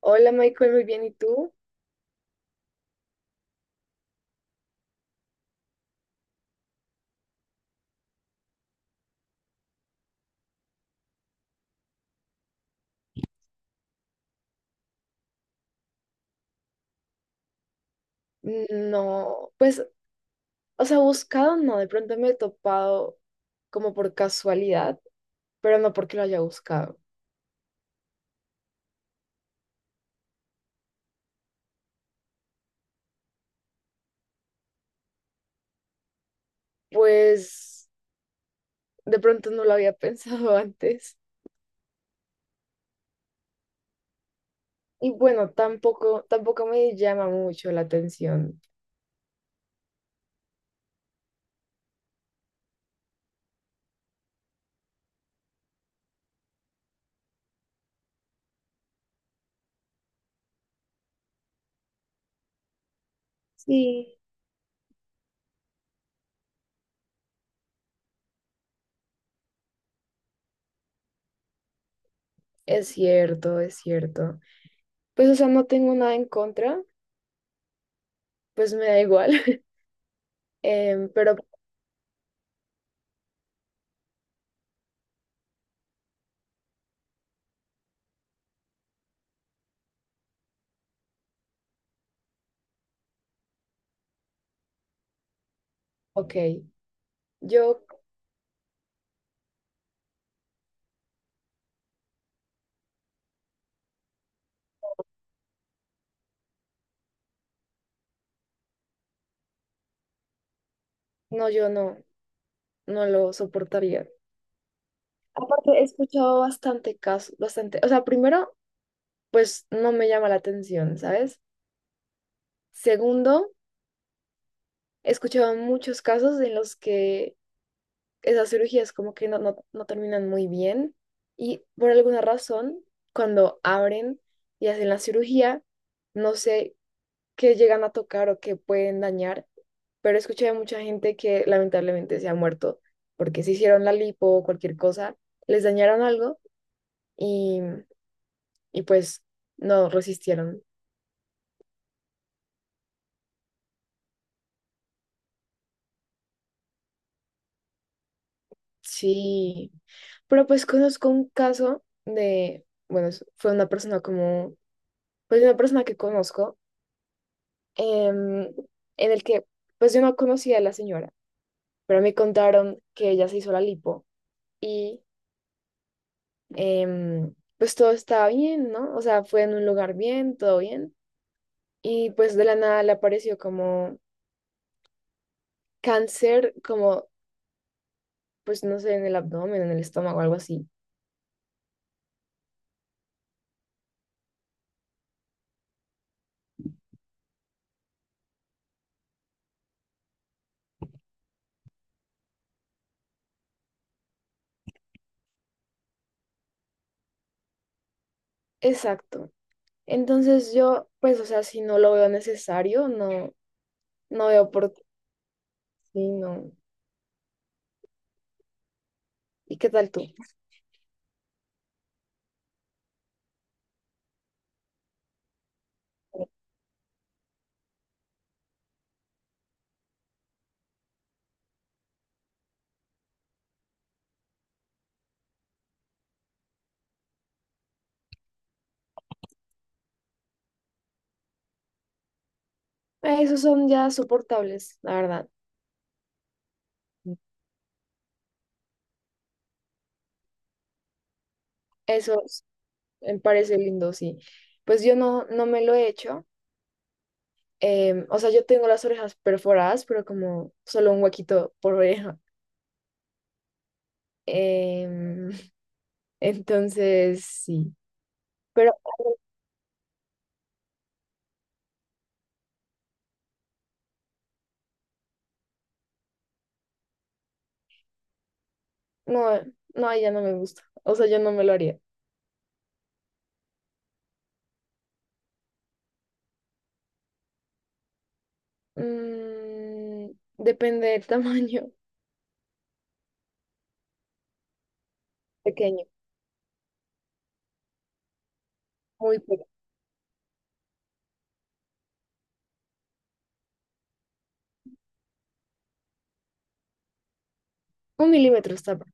Hola Michael, muy bien, ¿y tú? No, pues, o sea, buscado no, de pronto me he topado como por casualidad, pero no porque lo haya buscado. Pues, de pronto no lo había pensado antes. Y bueno, tampoco me llama mucho la atención. Sí. Es cierto, es cierto. Pues, o sea, no tengo nada en contra, pues me da igual. Em, pero, ok, yo, no, yo no, no lo soportaría. Aparte, he escuchado bastante casos, bastante. O sea, primero, pues no me llama la atención, ¿sabes? Segundo, he escuchado muchos casos en los que esas cirugías como que no terminan muy bien y por alguna razón, cuando abren y hacen la cirugía, no sé qué llegan a tocar o qué pueden dañar, pero he escuchado de mucha gente que lamentablemente se ha muerto porque se hicieron la lipo o cualquier cosa, les dañaron algo y pues no resistieron. Sí, pero pues conozco un caso de, bueno, fue una persona como, pues una persona que conozco, em, en el que pues yo no conocía a la señora, pero me contaron que ella se hizo la lipo y pues todo estaba bien, ¿no? O sea, fue en un lugar bien, todo bien, y pues de la nada le apareció como cáncer, como pues no sé, en el abdomen, en el estómago, algo así. Exacto. Entonces yo, pues, o sea, si no lo veo necesario, no, no veo por qué sí, no. ¿Y qué tal tú? Esos son ya soportables, la verdad. Esos me parece lindo, sí. Pues yo no, no me lo he hecho. O sea, yo tengo las orejas perforadas, pero como solo un huequito por oreja. Em, entonces, sí. Pero no, no, ya no me gusta. O sea, yo no me lo haría. Mm, depende del tamaño. Pequeño, muy pequeño. Un milímetro está.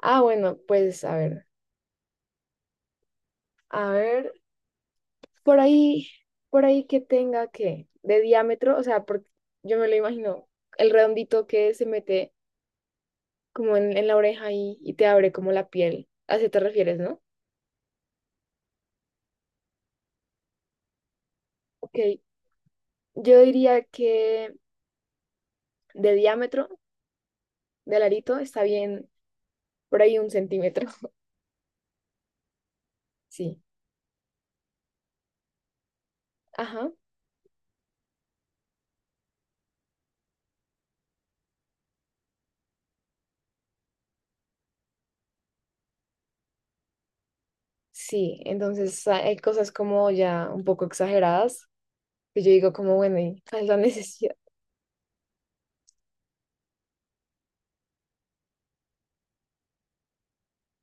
Ah, bueno, pues a ver, por ahí, por ahí que tenga que, de diámetro, o sea, porque yo me lo imagino, el redondito que se mete como en la oreja y te abre como la piel. ¿A eso te refieres, no? Ok, yo diría que de diámetro del arito está bien por ahí un centímetro. Sí, ajá, sí. Entonces hay cosas como ya un poco exageradas que yo digo como, bueno, ¿y cuál es la necesidad?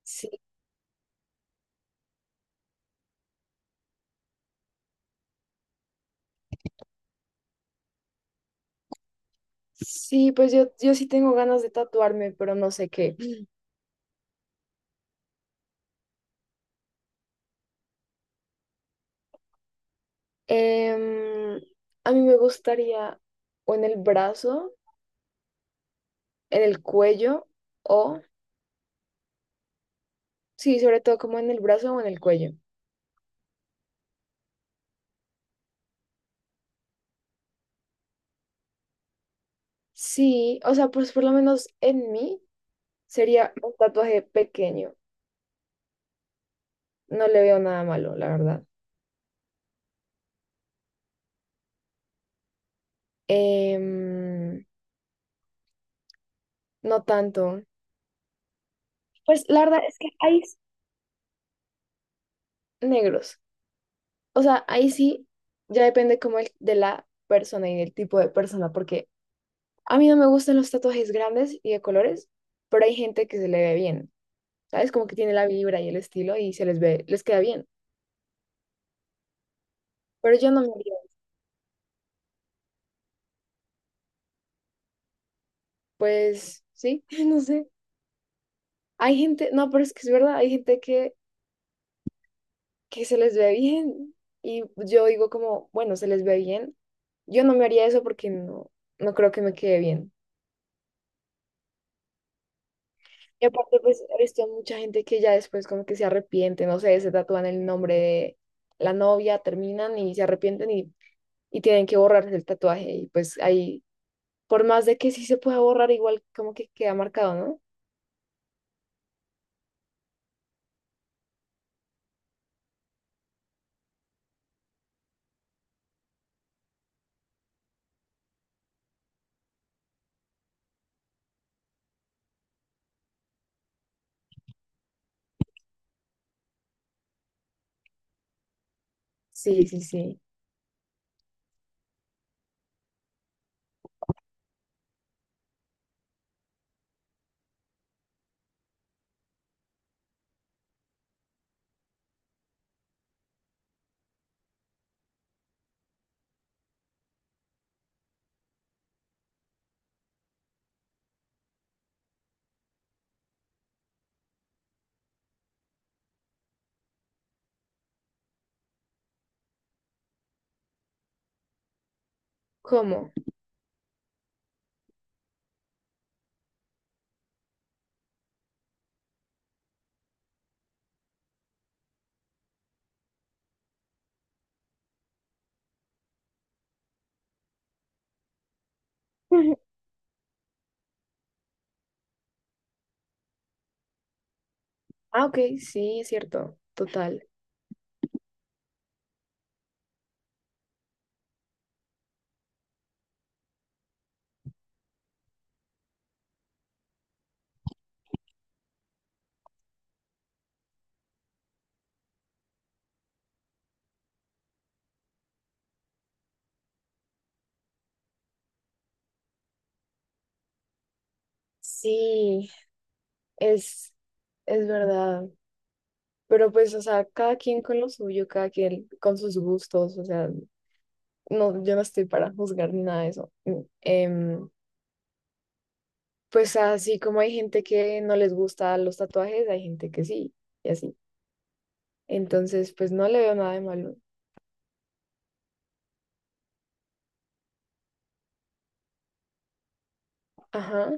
Sí. Sí, pues yo sí tengo ganas de tatuarme, pero no sé qué. Mm. Em, a mí me gustaría o en el brazo, en el cuello, o sí, sobre todo como en el brazo o en el cuello. Sí, o sea, pues por lo menos en mí sería un tatuaje pequeño. No le veo nada malo, la verdad. Em, no tanto. Pues la verdad es que hay negros. O sea, ahí sí ya depende como de la persona y del tipo de persona, porque a mí no me gustan los tatuajes grandes y de colores, pero hay gente que se le ve bien, ¿sabes? Como que tiene la vibra y el estilo y se les ve, les queda bien. Pero yo no me haría, pues sí, no sé. Hay gente, no, pero es que es verdad, hay gente que se les ve bien y yo digo como, bueno, se les ve bien. Yo no me haría eso porque no, no creo que me quede bien. Y aparte, pues, he visto mucha gente que ya después como que se arrepiente, no sé, se tatúan el nombre de la novia, terminan y se arrepienten y tienen que borrarse el tatuaje y pues ahí, por más de que sí se pueda borrar, igual como que queda marcado, ¿no? Sí, sí, sí. ¿Cómo? Ah, ok, sí, es cierto, total. Sí, es, es verdad. Pero pues, o sea, cada quien con lo suyo, cada quien con sus gustos, o sea, no, yo no estoy para juzgar ni nada de eso. Mm, pues así como hay gente que no les gusta los tatuajes, hay gente que sí, y así. Entonces, pues no le veo nada de malo. Ajá.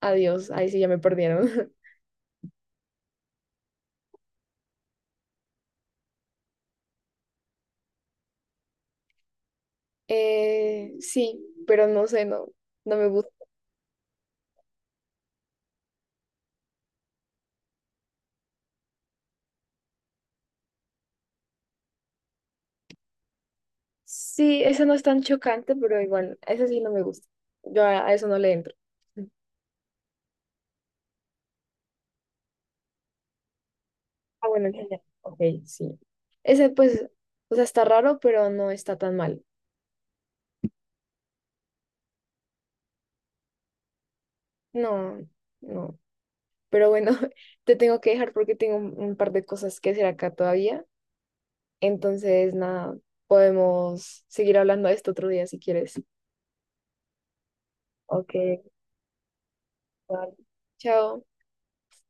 Adiós, ahí sí ya me perdieron. Sí, pero no sé, no, no me gusta. Sí, esa no es tan chocante, pero igual, esa sí no me gusta. Yo a eso no le entro. Ah, bueno, ya, ya. Ok, sí. Ese pues, o sea, está raro, pero no está tan mal. No, no. Pero bueno, te tengo que dejar porque tengo un par de cosas que hacer acá todavía. Entonces, nada, podemos seguir hablando de esto otro día si quieres. Ok, vale. Chao.